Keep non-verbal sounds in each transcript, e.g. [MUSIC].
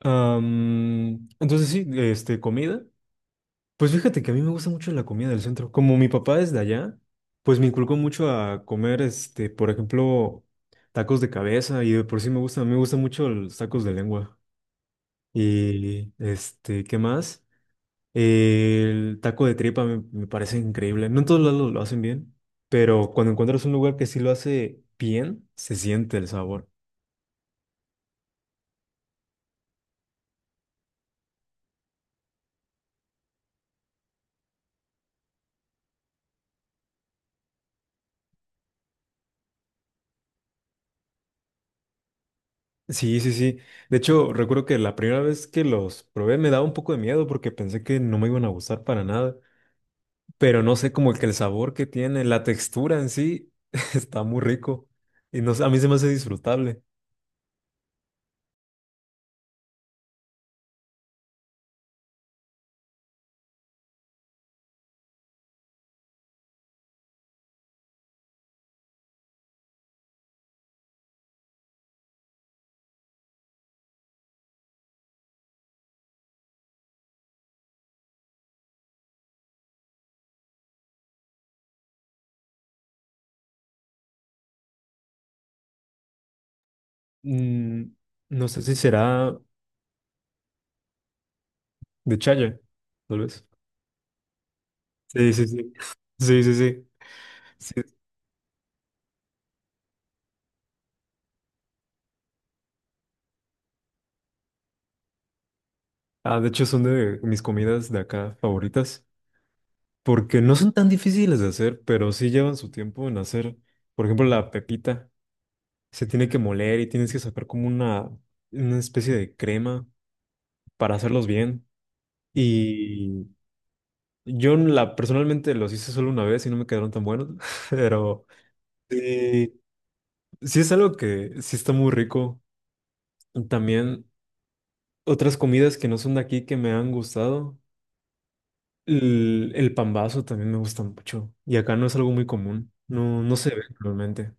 Entonces sí, este, comida. Pues fíjate que a mí me gusta mucho la comida del centro. Como mi papá es de allá, pues me inculcó mucho a comer, este, por ejemplo, tacos de cabeza y de por sí me gusta, me gustan mucho los tacos de lengua. Y, este, ¿qué más? El taco de tripa me parece increíble. No en todos lados lo hacen bien, pero cuando encuentras un lugar que sí lo hace bien, se siente el sabor. Sí, sí, sí. De hecho, recuerdo que la primera vez que los probé me daba un poco de miedo porque pensé que no me iban a gustar para nada. Pero no sé, como que el sabor que tiene, la textura en sí, [LAUGHS] está muy rico. Y no sé, a mí se me hace disfrutable. Mm, no sé si será de chaya, tal vez. Sí, sí, sí. [LAUGHS] Sí, sí, sí. Sí. Ah, de hecho, son de mis comidas de acá favoritas porque no son tan difíciles de hacer, pero sí llevan su tiempo en hacer. Por ejemplo, la pepita. Se tiene que moler y tienes que sacar como una especie de crema para hacerlos bien. Y yo la, personalmente los hice solo una vez y no me quedaron tan buenos, [LAUGHS] pero sí, sí es algo que sí está muy rico. También otras comidas que no son de aquí que me han gustado. El pambazo también me gusta mucho y acá no es algo muy común, no, no se ve normalmente.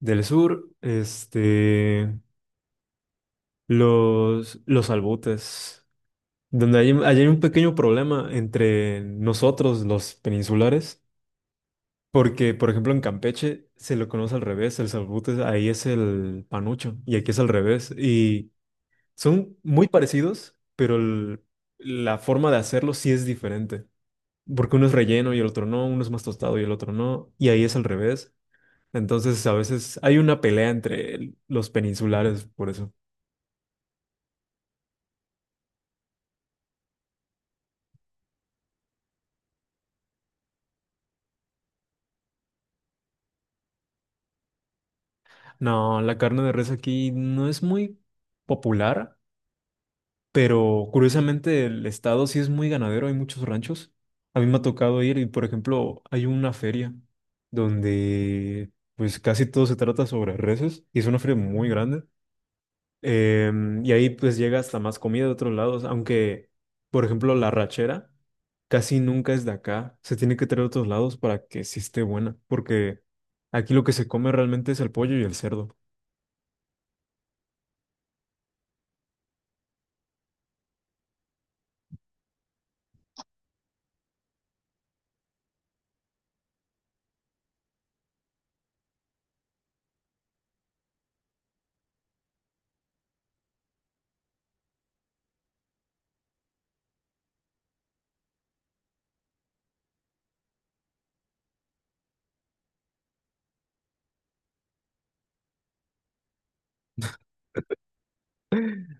Del sur, este, los albutes. Donde hay, ahí hay un pequeño problema entre nosotros, los peninsulares, porque, por ejemplo, en Campeche se lo conoce al revés, el salbute ahí es el panucho y aquí es al revés. Y son muy parecidos, pero el- la forma de hacerlo sí es diferente, porque uno es relleno y el otro no, uno es más tostado y el otro no, y ahí es al revés. Entonces, a veces hay una pelea entre el- los peninsulares por eso. No, la carne de res aquí no es muy popular. Pero curiosamente el estado sí es muy ganadero, hay muchos ranchos. A mí me ha tocado ir y, por ejemplo, hay una feria donde pues casi todo se trata sobre reses y es una feria muy grande. Y ahí pues llega hasta más comida de otros lados, aunque, por ejemplo, la rachera casi nunca es de acá, se tiene que traer de otros lados para que sí esté buena, porque aquí lo que se come realmente es el pollo y el cerdo.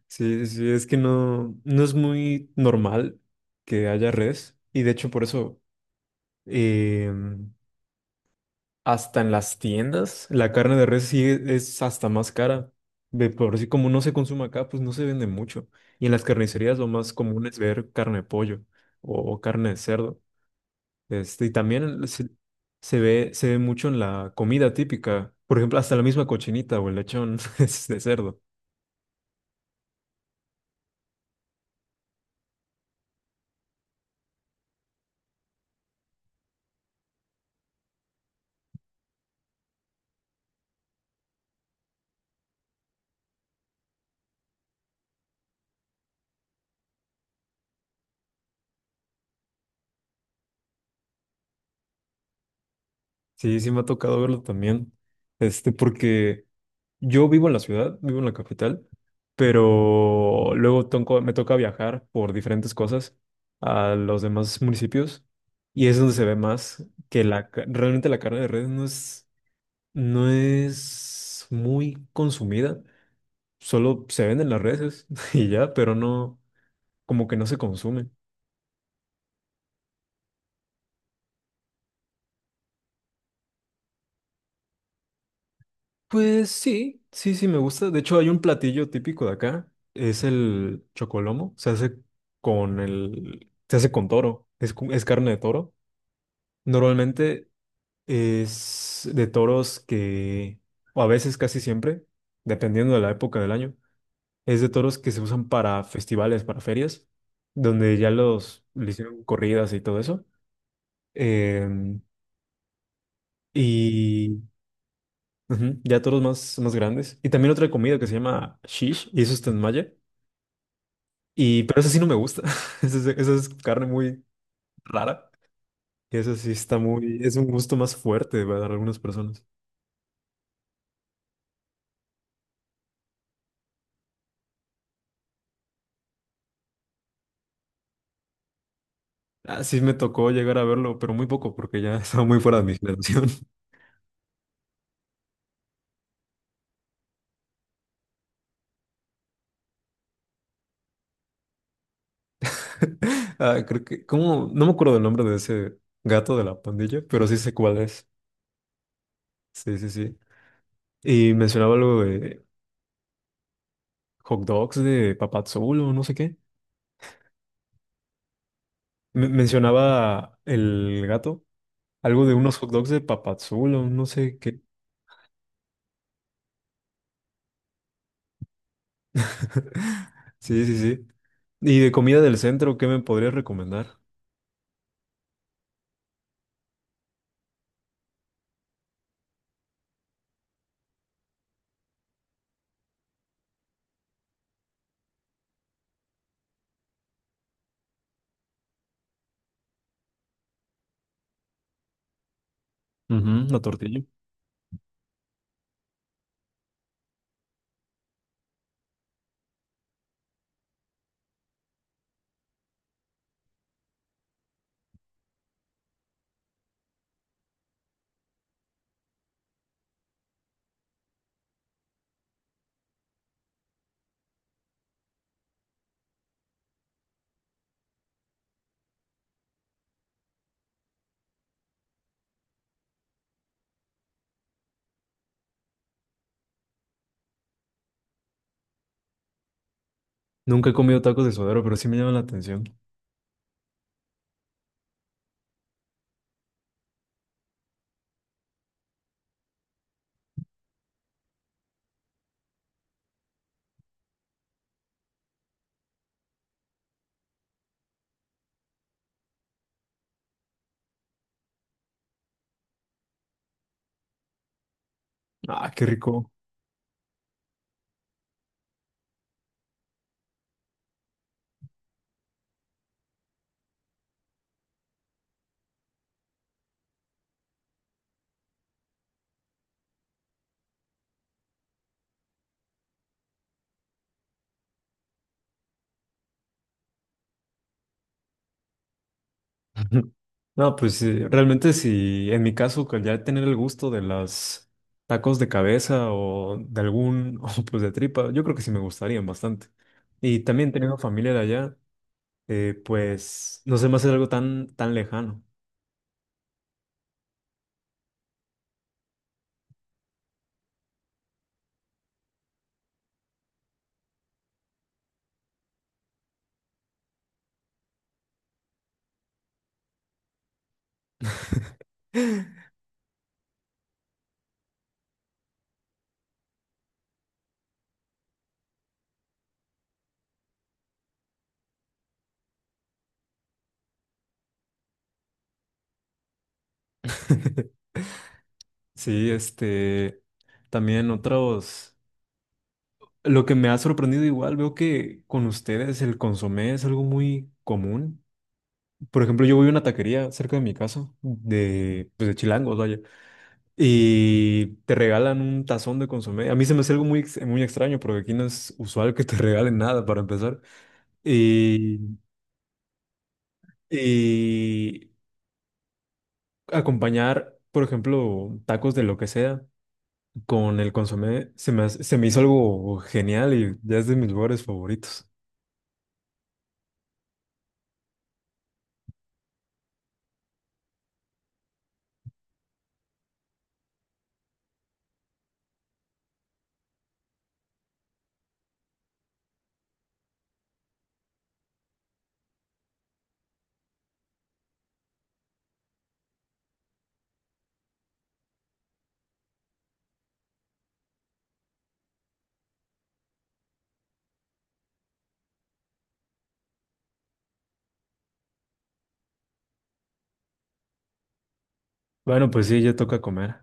Sí, sí, es que no, no es muy normal que haya res y de hecho por eso eh, hasta en las tiendas la carne de res sí es hasta más cara. De por sí como no se consume acá, pues no se vende mucho. Y en las carnicerías lo más común es ver carne de pollo o carne de cerdo. Este, y también se ve mucho en la comida típica. Por ejemplo, hasta la misma cochinita o el lechón [LAUGHS] es de cerdo. Sí, sí me ha tocado verlo también. Este, porque... Yo vivo en la ciudad, vivo en la capital, pero luego tonco- me toca viajar por diferentes cosas a los demás municipios y es donde se ve más que la, ca- realmente la carne de res no es, no es muy consumida, solo se venden las reses [LAUGHS] y ya, pero no, como que no se consume. Pues sí, sí, sí, me gusta. De hecho, hay un platillo típico de acá, es el chocolomo, se hace con el, se hace con toro, es, cu- es carne de toro. Normalmente es de toros que, o a veces casi siempre, dependiendo de la época del año, es de toros que se usan para festivales, para ferias, donde ya los le hicieron corridas y todo eso. Em, y ujú, ya toros más, más grandes. Y también otra comida que se llama shish, y eso está en malla. Y, pero eso sí no me gusta. [LAUGHS] Esa es carne muy rara. Y eso sí está muy, es un gusto más fuerte para algunas personas. Ah, sí me tocó llegar a verlo, pero muy poco porque ya [LAUGHS] estaba muy fuera de mi generación. [LAUGHS] Ah, creo que, ¿cómo? No me acuerdo del nombre de ese gato de la pandilla, pero sí sé cuál es. Sí, sí, sí. Y mencionaba algo de hot dogs de Papadzul o no sé qué. Mencionaba el gato, algo de unos hot dogs de Papadzul o no sé qué. [LAUGHS] Sí, sí, sí. Y de comida del centro, ¿qué me podrías recomendar? Ujú, la tortilla. Nunca he comido tacos de suadero, pero sí me llama la atención. Ah, qué rico. Ujú. No, pues sí, realmente si en mi caso, que ya tener el gusto de las tacos de cabeza o de algún, [LAUGHS] o pues de tripa, yo creo que sí me gustarían bastante. Y también teniendo familia de allá, pues no se me hace algo tan, tan lejano. [LAUGHS] Sí, este, también otros, lo que me ha sorprendido igual, veo que con ustedes el consomé es algo muy común. Por ejemplo, yo voy a una taquería cerca de mi casa, de, pues de Chilangos, vaya. Y te regalan un tazón de consomé. A mí se me hace algo muy, ex- muy extraño porque aquí no es usual que te [LAUGHS] regalen nada para empezar. Y, y acompañar, por ejemplo, tacos de lo que sea con el consomé se me, hace- se me hizo algo genial y ya es de mis lugares favoritos. Bueno, pues sí, ya toca comer.